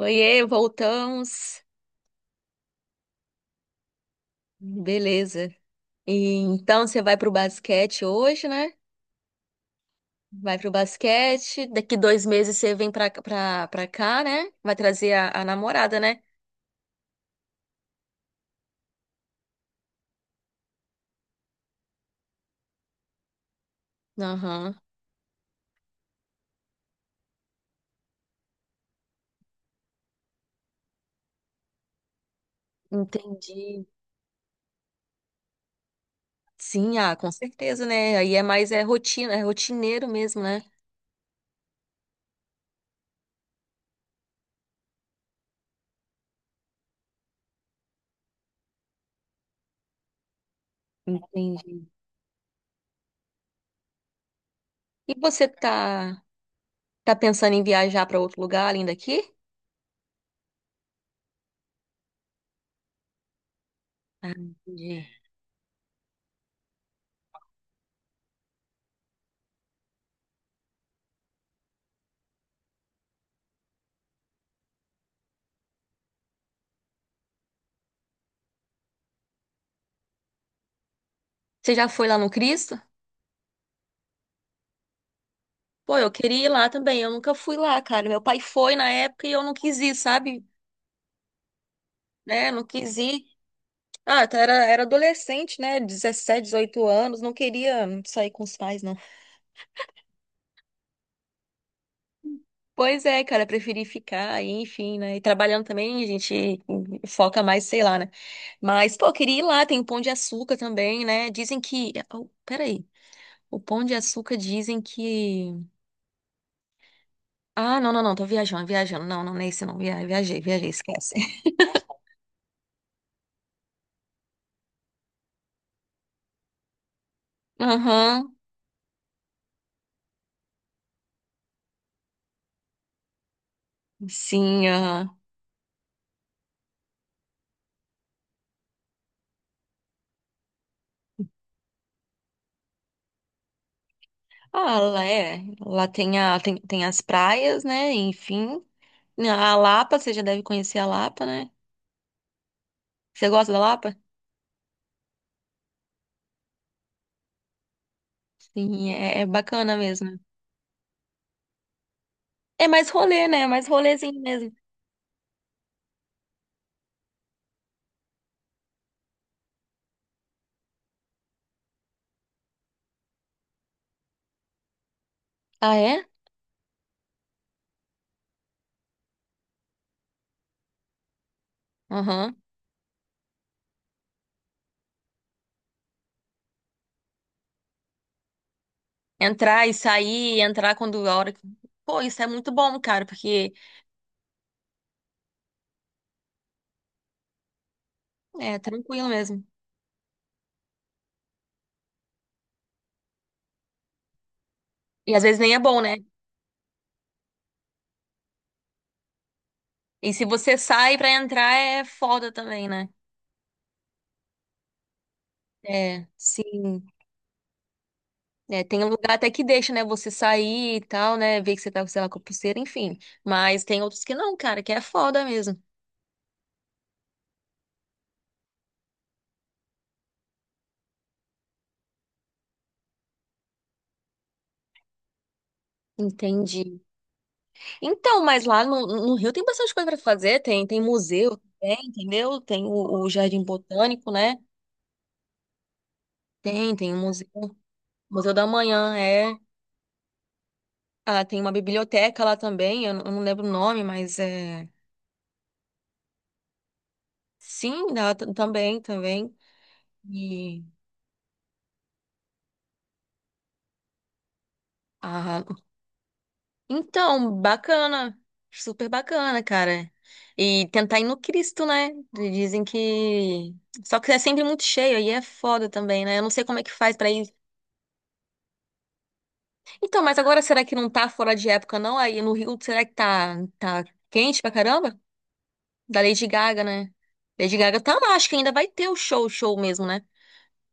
Oiê, voltamos. Beleza. E então você vai pro basquete hoje, né? Vai pro basquete. Daqui dois meses você vem pra cá, né? Vai trazer a namorada, né? Aham, entendi. Sim, ah, com certeza, né? Aí é mais é rotina, é rotineiro mesmo, né? Entendi. E você tá pensando em viajar pra outro lugar além daqui? Ah, entendi. Você já foi lá no Cristo? Pô, eu queria ir lá também, eu nunca fui lá, cara. Meu pai foi na época e eu não quis ir, sabe? Né? Não quis ir. Ah, até era adolescente, né? 17 18 anos, não queria sair com os pais, não. Pois é, cara, preferi ficar aí, enfim, né? E trabalhando também, a gente foca mais, sei lá, né? Mas, pô, eu queria ir lá, tem o Pão de Açúcar também, né? Dizem que. Oh, peraí. O Pão de Açúcar dizem que. Ah, não, não, não, tô viajando, viajando. Não, não, não é esse não. Viajei, viajei, esquece. Aham, sim, aham. Ah, lá é. Lá tem as praias, né? Enfim. A Lapa, você já deve conhecer a Lapa, né? Você gosta da Lapa? Sim, é bacana mesmo. É mais rolê, né? É mais rolezinho mesmo. Ah, é? Aham. Entrar e sair, entrar quando a hora. Pô, isso é muito bom, cara, porque é tranquilo mesmo. E às vezes nem é bom, né? E se você sai pra entrar, é foda também, né? É, sim. É, tem um lugar até que deixa, né, você sair e tal, né, ver que você tá, sei lá, com a pulseira, enfim. Mas tem outros que não, cara, que é foda mesmo. Entendi. Então, mas lá no Rio tem bastante coisa pra fazer, tem museu também, entendeu? Tem o Jardim Botânico, né? Tem o museu, Museu da Manhã, é. Ah, tem uma biblioteca lá também, não eu não lembro o nome, mas é. Sim, lá também, também. E. Ah, então, bacana. Super bacana, cara. E tentar ir no Cristo, né? Dizem que. Só que é sempre muito cheio, aí é foda também, né? Eu não sei como é que faz pra ir. Então, mas agora será que não tá fora de época, não? Aí no Rio, será que tá quente pra caramba? Da Lady Gaga, né? Lady Gaga tá lá, acho que ainda vai ter o show, show mesmo, né?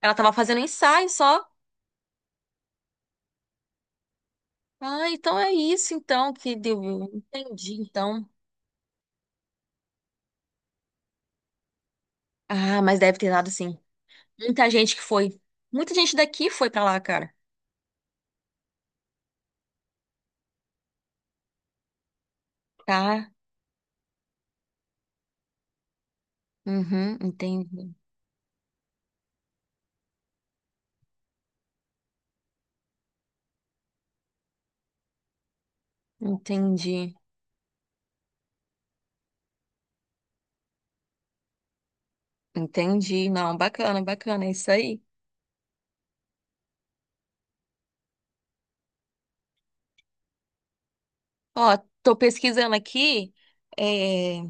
Ela tava fazendo ensaio só. Ah, então é isso, então, que deu. Entendi, então. Ah, mas deve ter dado sim. Muita gente que foi. Muita gente daqui foi pra lá, cara. Tá. Uhum, entendi. Entendi. Entendi. Não, bacana, bacana, é isso aí. Ó, tô pesquisando aqui. É,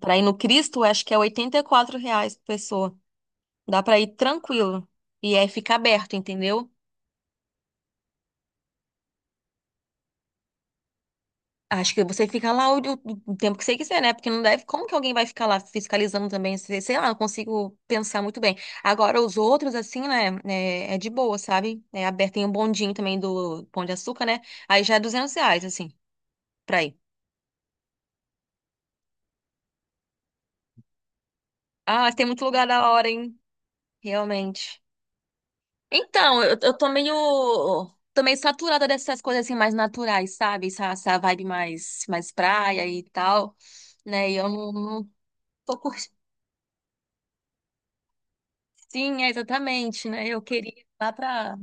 pra ir no Cristo, acho que é R$ 84 por pessoa. Dá pra ir tranquilo. E é fica aberto, entendeu? Acho que você fica lá o tempo que você quiser, né? Porque não deve. Como que alguém vai ficar lá fiscalizando também? Sei lá, não consigo pensar muito bem. Agora, os outros, assim, né? É de boa, sabe? É aberto. Tem um bondinho também do Pão de Açúcar, né? Aí já é R$ 200, assim, pra ir. Ah, tem muito lugar da hora, hein? Realmente. Então, eu tô meio. Tô meio saturada dessas coisas, assim, mais naturais, sabe? Essa vibe mais praia e tal, né? E eu não tô curtindo. Sim, é exatamente, né? Eu queria ir lá pra.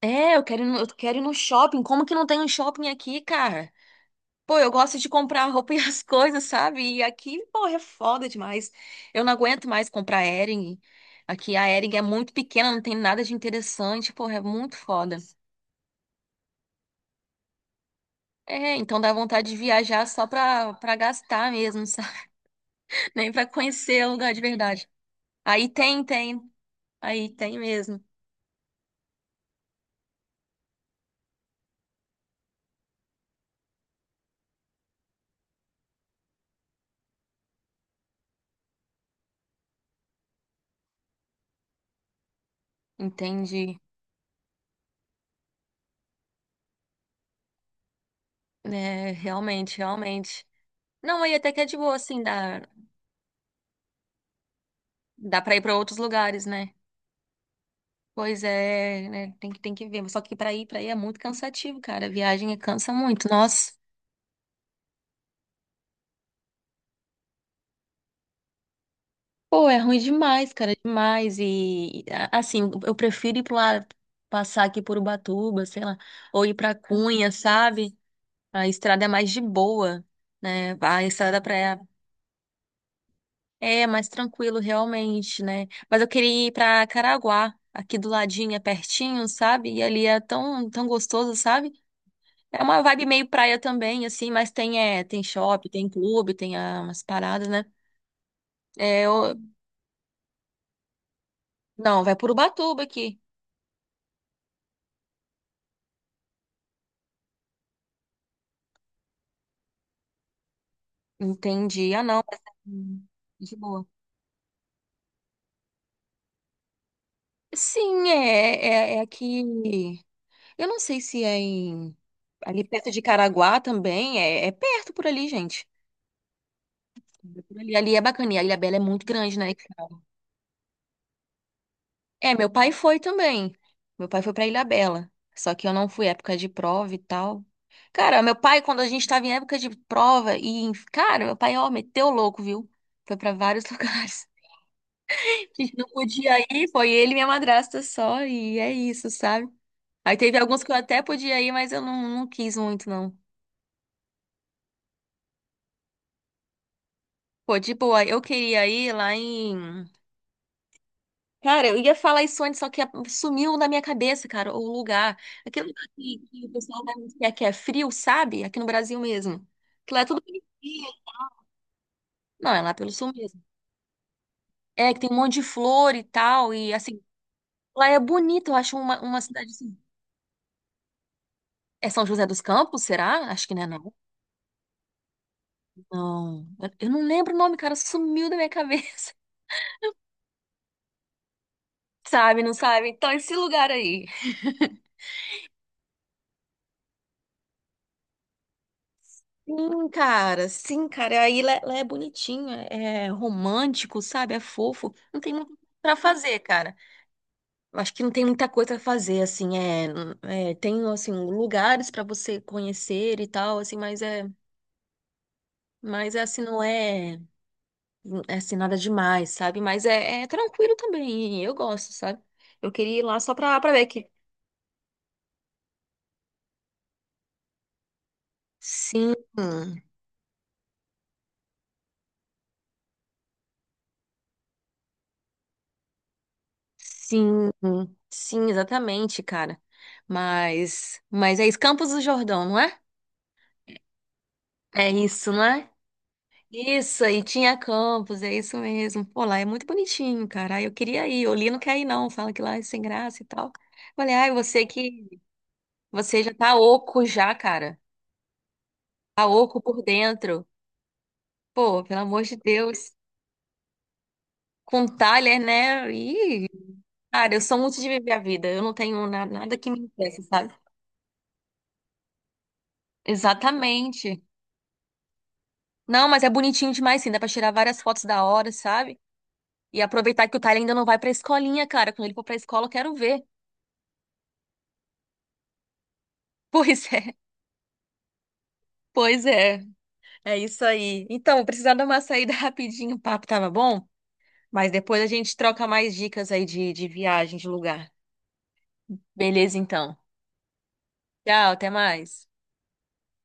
É, eu quero ir no shopping. Como que não tem um shopping aqui, cara? Pô, eu gosto de comprar roupa e as coisas, sabe? E aqui, pô, é foda demais. Eu não aguento mais comprar Hering. Aqui a Hering é muito pequena, não tem nada de interessante, pô, é muito foda. É, então dá vontade de viajar só pra gastar mesmo, sabe? Nem pra conhecer o lugar de verdade. Aí tem. Aí tem mesmo. Entendi. É, realmente, realmente. Não, aí até que é de boa, assim, dá pra ir pra outros lugares, né? Pois é, né? Tem que ver, mas só que pra ir pra aí é muito cansativo, cara. A viagem cansa muito. Nossa, pô, é ruim demais, cara, demais. E assim, eu prefiro ir pra lá, passar aqui por Ubatuba, sei lá, ou ir pra Cunha, sabe? A estrada é mais de boa, né? A estrada pra é mais tranquilo, realmente, né? Mas eu queria ir pra Caraguá, aqui do ladinho, é pertinho, sabe? E ali é tão, tão gostoso, sabe? É uma vibe meio praia também, assim, mas tem, é, tem shopping, tem clube, tem umas paradas, né? É, não, vai por Ubatuba aqui. Entendi. Ah, não, mas é, de boa. Sim, é aqui. Eu não sei se é em. Ali perto de Caraguá também. É, é perto por ali, gente. Por ali é bacana. E a Ilhabela é muito grande, né? É, meu pai foi também. Meu pai foi pra Ilhabela. Só que eu não fui época de prova e tal. Cara, meu pai, quando a gente tava em época de prova, e, cara, meu pai, ó, meteu o louco, viu? Foi pra vários lugares. A gente não podia ir, foi ele e minha madrasta só, e é isso, sabe? Aí teve alguns que eu até podia ir, mas eu não quis muito, não. Pô, de eu queria ir lá em Cara, eu ia falar isso antes, só que sumiu na minha cabeça, cara, o lugar. Aquele lugar que o pessoal vai muito, que é frio, sabe? Aqui no Brasil mesmo. Que lá é tudo bonitinho. Não, é lá pelo sul mesmo. É, que tem um monte de flor e tal, e assim, lá é bonito, eu acho uma cidade assim. É São José dos Campos, será? Acho que não é, não. Não, eu não lembro o nome, cara, sumiu da minha cabeça. Sabe, não sabe? Então, esse lugar aí. Sim, cara, sim, cara. Aí lá é bonitinho, é romântico, sabe? É fofo. Não tem muito pra fazer, cara. Eu acho que não tem muita coisa pra fazer, assim. É, tem assim lugares pra você conhecer e tal, assim. Mas é assim não é assim nada demais, sabe? Mas é tranquilo também. Eu gosto, sabe? Eu queria ir lá só pra ver que sim, sim, sim, exatamente, cara. Mas é isso, Campos do Jordão, não é? É isso, não é? Isso, aí tinha campus, é isso mesmo. Pô, lá é muito bonitinho, cara. Aí eu queria ir, o Lino quer ir não, fala que lá é sem graça e tal. Falei, ai, você já tá oco já, cara. Tá oco por dentro. Pô, pelo amor de Deus. Com Thaler, né? Ih, cara, eu sou muito de viver a vida. Eu não tenho nada que me impeça, sabe? Exatamente. Não, mas é bonitinho demais, sim. Dá pra tirar várias fotos da hora, sabe? E aproveitar que o Tyler ainda não vai pra escolinha, cara. Quando ele for pra escola, eu quero ver. Pois é, pois é. É isso aí. Então, vou precisar dar uma saída rapidinho, o papo tava bom, mas depois a gente troca mais dicas aí de viagem, de lugar. Beleza, então. Tchau, até mais.